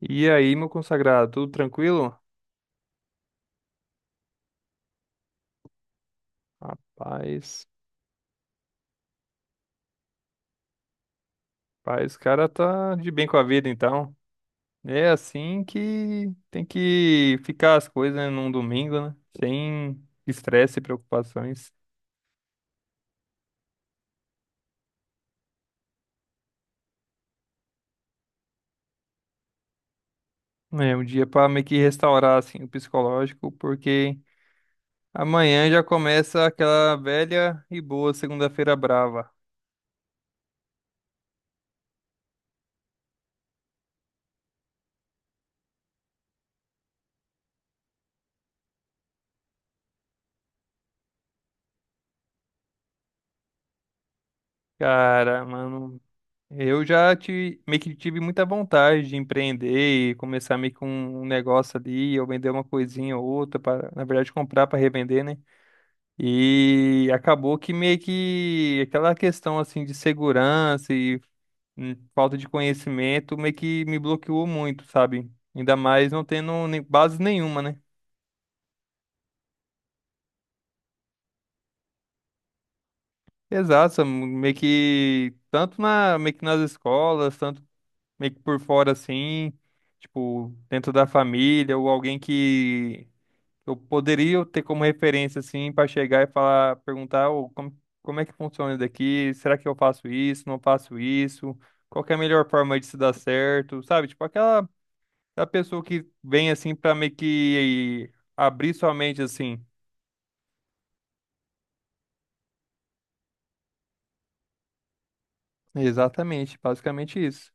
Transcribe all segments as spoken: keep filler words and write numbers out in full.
E aí, meu consagrado, tudo tranquilo? Rapaz, rapaz, o cara tá de bem com a vida, então. É assim que tem que ficar as coisas, né, num domingo, né? Sem estresse e preocupações. É um dia pra meio que restaurar, assim, o psicológico, porque amanhã já começa aquela velha e boa segunda-feira brava. Cara, mano, eu já ti- meio que tive muita vontade de empreender e começar meio que um um negócio ali, ou vender uma coisinha ou outra, para, na verdade, comprar para revender, né? E acabou que meio que aquela questão assim de segurança e hum, falta de conhecimento meio que me bloqueou muito, sabe? Ainda mais não tendo nem- base nenhuma, né? Exato, meio que tanto na, meio que nas escolas, tanto meio que por fora assim, tipo, dentro da família, ou alguém que eu poderia ter como referência assim para chegar e falar, perguntar, ô, como, como é que funciona isso daqui? Será que eu faço isso? Não faço isso? Qual que é a melhor forma de se dar certo? Sabe? Tipo aquela, a pessoa que vem assim para meio que abrir sua mente assim. Exatamente, basicamente isso.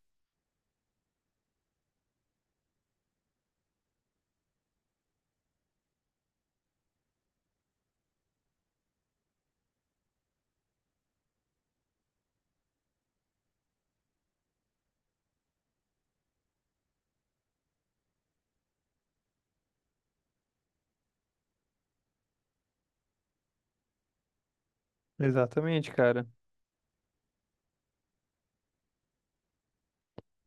Exatamente, cara.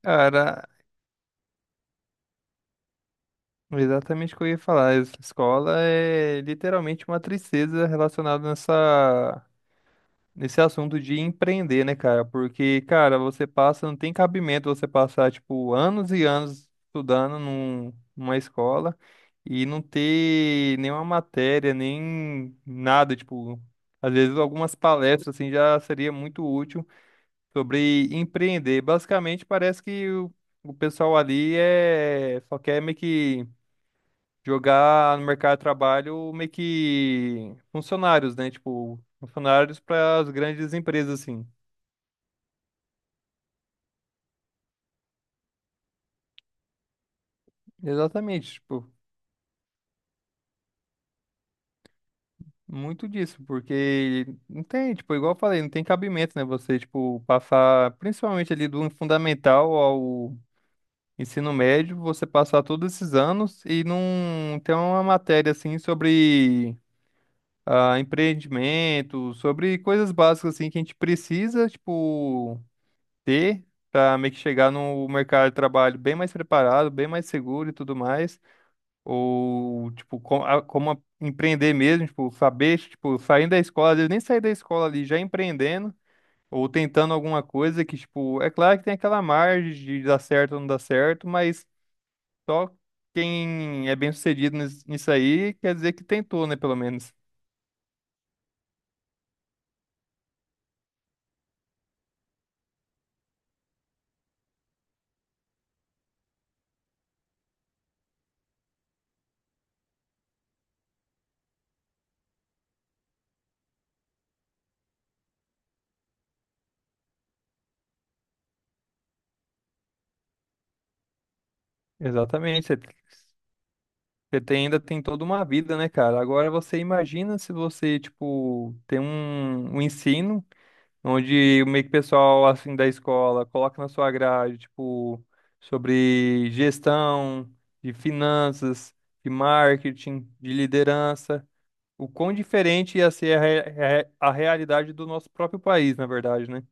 Cara, exatamente o que eu ia falar. Essa escola é literalmente uma tristeza relacionada nessa, nesse assunto de empreender, né, cara? Porque, cara, você passa, não tem cabimento você passar, tipo, anos e anos estudando num- numa escola e não ter nenhuma matéria, nem nada, tipo, às vezes algumas palestras, assim, já seria muito útil sobre empreender. Basicamente, parece que o, o pessoal ali é, só quer meio que jogar no mercado de trabalho meio que funcionários, né? Tipo, funcionários para as grandes empresas, assim. Exatamente, tipo, muito disso, porque não tem, tipo, igual eu falei, não tem cabimento, né? Você, tipo, passar, principalmente ali do fundamental ao ensino médio, você passar todos esses anos e não ter uma matéria, assim, sobre ah, empreendimento, sobre coisas básicas, assim, que a gente precisa, tipo. Ter para meio que chegar no mercado de trabalho bem mais preparado, bem mais seguro e tudo mais, ou tipo com- a- como, a- empreender mesmo, tipo saber, tipo saindo da escola, às vezes nem sair da escola ali já empreendendo ou tentando alguma coisa que tipo é claro que tem aquela margem de dar certo ou não dar certo, mas só quem é bem sucedido nis- nisso aí quer dizer que tentou, né, pelo menos. Exatamente. Você tem- ainda tem toda uma vida, né, cara? Agora você imagina se você, tipo, tem um, um ensino onde o meio que pessoal, assim, da escola coloca na sua grade, tipo, sobre gestão, de finanças, de marketing, de liderança. O quão diferente ia ser a, rea- a realidade do nosso próprio país, na verdade, né?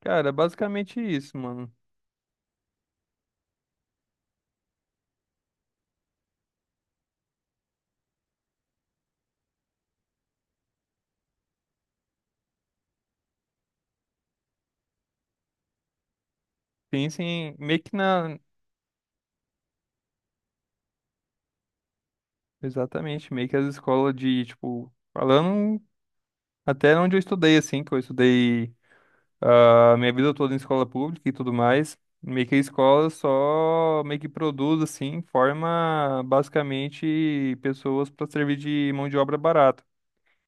Cara, é basicamente isso, mano. Pensem meio que na... Exatamente, meio que as escolas de, tipo, falando. Até onde eu estudei, assim, que eu estudei a minha vida toda em escola pública e tudo mais, meio que a escola só meio que produz, assim, forma basicamente pessoas para servir de mão de obra barata.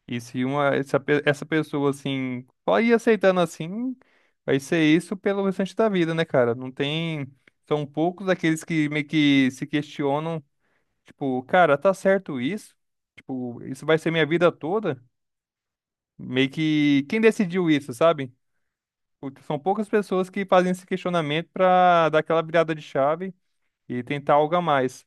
E se uma, essa, pe- essa pessoa, assim, só ir aceitando assim, vai ser isso pelo restante da vida, né, cara? Não tem. São poucos aqueles que meio que se questionam, tipo, cara, tá certo isso? Tipo, isso vai ser minha vida toda? Meio que quem decidiu isso, sabe? Porque são poucas pessoas que fazem esse questionamento pra dar aquela virada de chave e tentar algo a mais.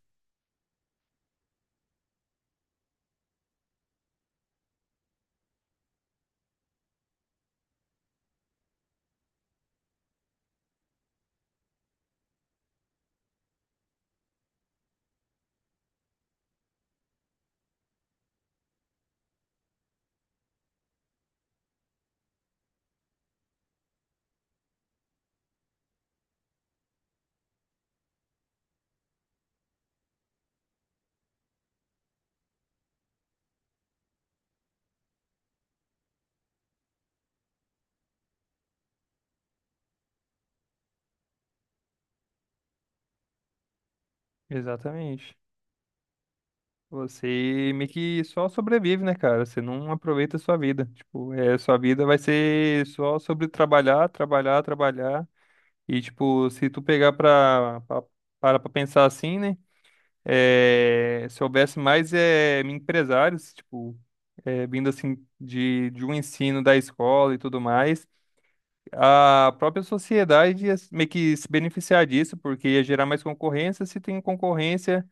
Exatamente. Você meio que só sobrevive, né, cara? Você não aproveita a sua vida. Tipo, é, sua vida vai ser só sobre trabalhar, trabalhar, trabalhar. E, tipo, se tu pegar pra, pra, para pra pensar assim, né? É, se houvesse mais é, empresários, tipo, é, vindo assim de, de um ensino da escola e tudo mais. A própria sociedade ia meio que se beneficiar disso, porque ia gerar mais concorrência. Se tem concorrência,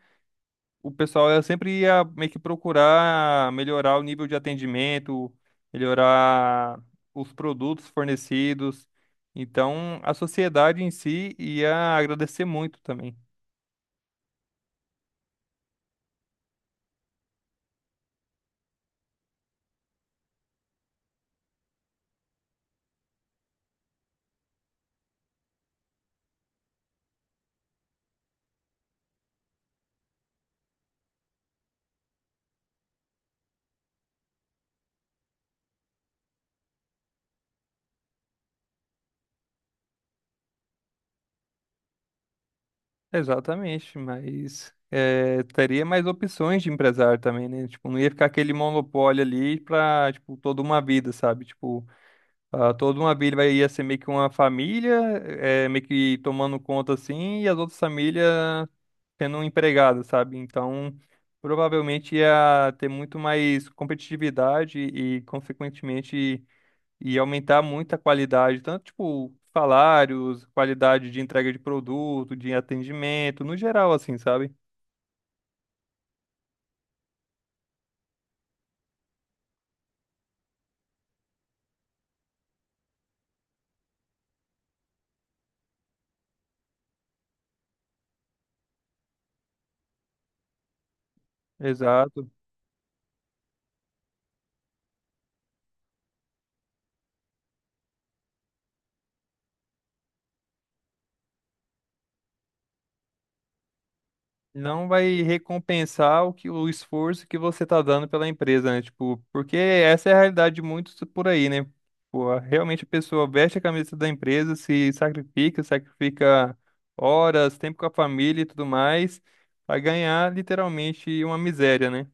o pessoal ia sempre ia meio que procurar melhorar o nível de atendimento, melhorar os produtos fornecidos. Então, a sociedade em si ia agradecer muito também. Exatamente, mas eh, teria mais opções de empresário também, né? Tipo, não ia ficar aquele monopólio ali pra, tipo, toda uma vida, sabe? Tipo, ah, toda uma vila vai- ia ser meio que uma família, é, meio que tomando conta assim, e as outras famílias sendo empregadas, sabe? Então, provavelmente ia ter muito mais competitividade e, consequentemente, ia aumentar muito a qualidade, tanto tipo salários, qualidade de entrega de produto, de atendimento, no geral, assim, sabe? Exato. Não vai recompensar o que o esforço que você tá dando pela empresa, né? Tipo, porque essa é a realidade de muitos por aí, né? Pô, realmente a pessoa veste a camisa da empresa, se sacrifica, sacrifica horas, tempo com a família e tudo mais, pra ganhar literalmente uma miséria, né?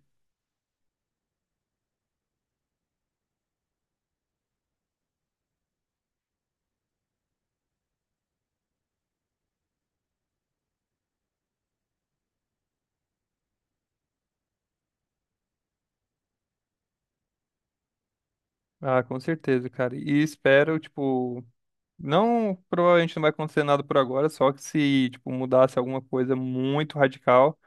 Ah, com certeza, cara. E espero, tipo, não, provavelmente não vai acontecer nada por agora, só que se, tipo, mudasse alguma coisa muito radical.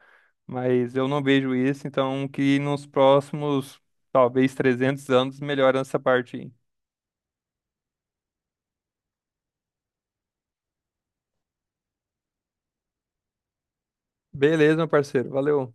Mas eu não vejo isso, então que nos próximos, talvez trezentos anos, melhore essa parte aí. Beleza, meu parceiro. Valeu.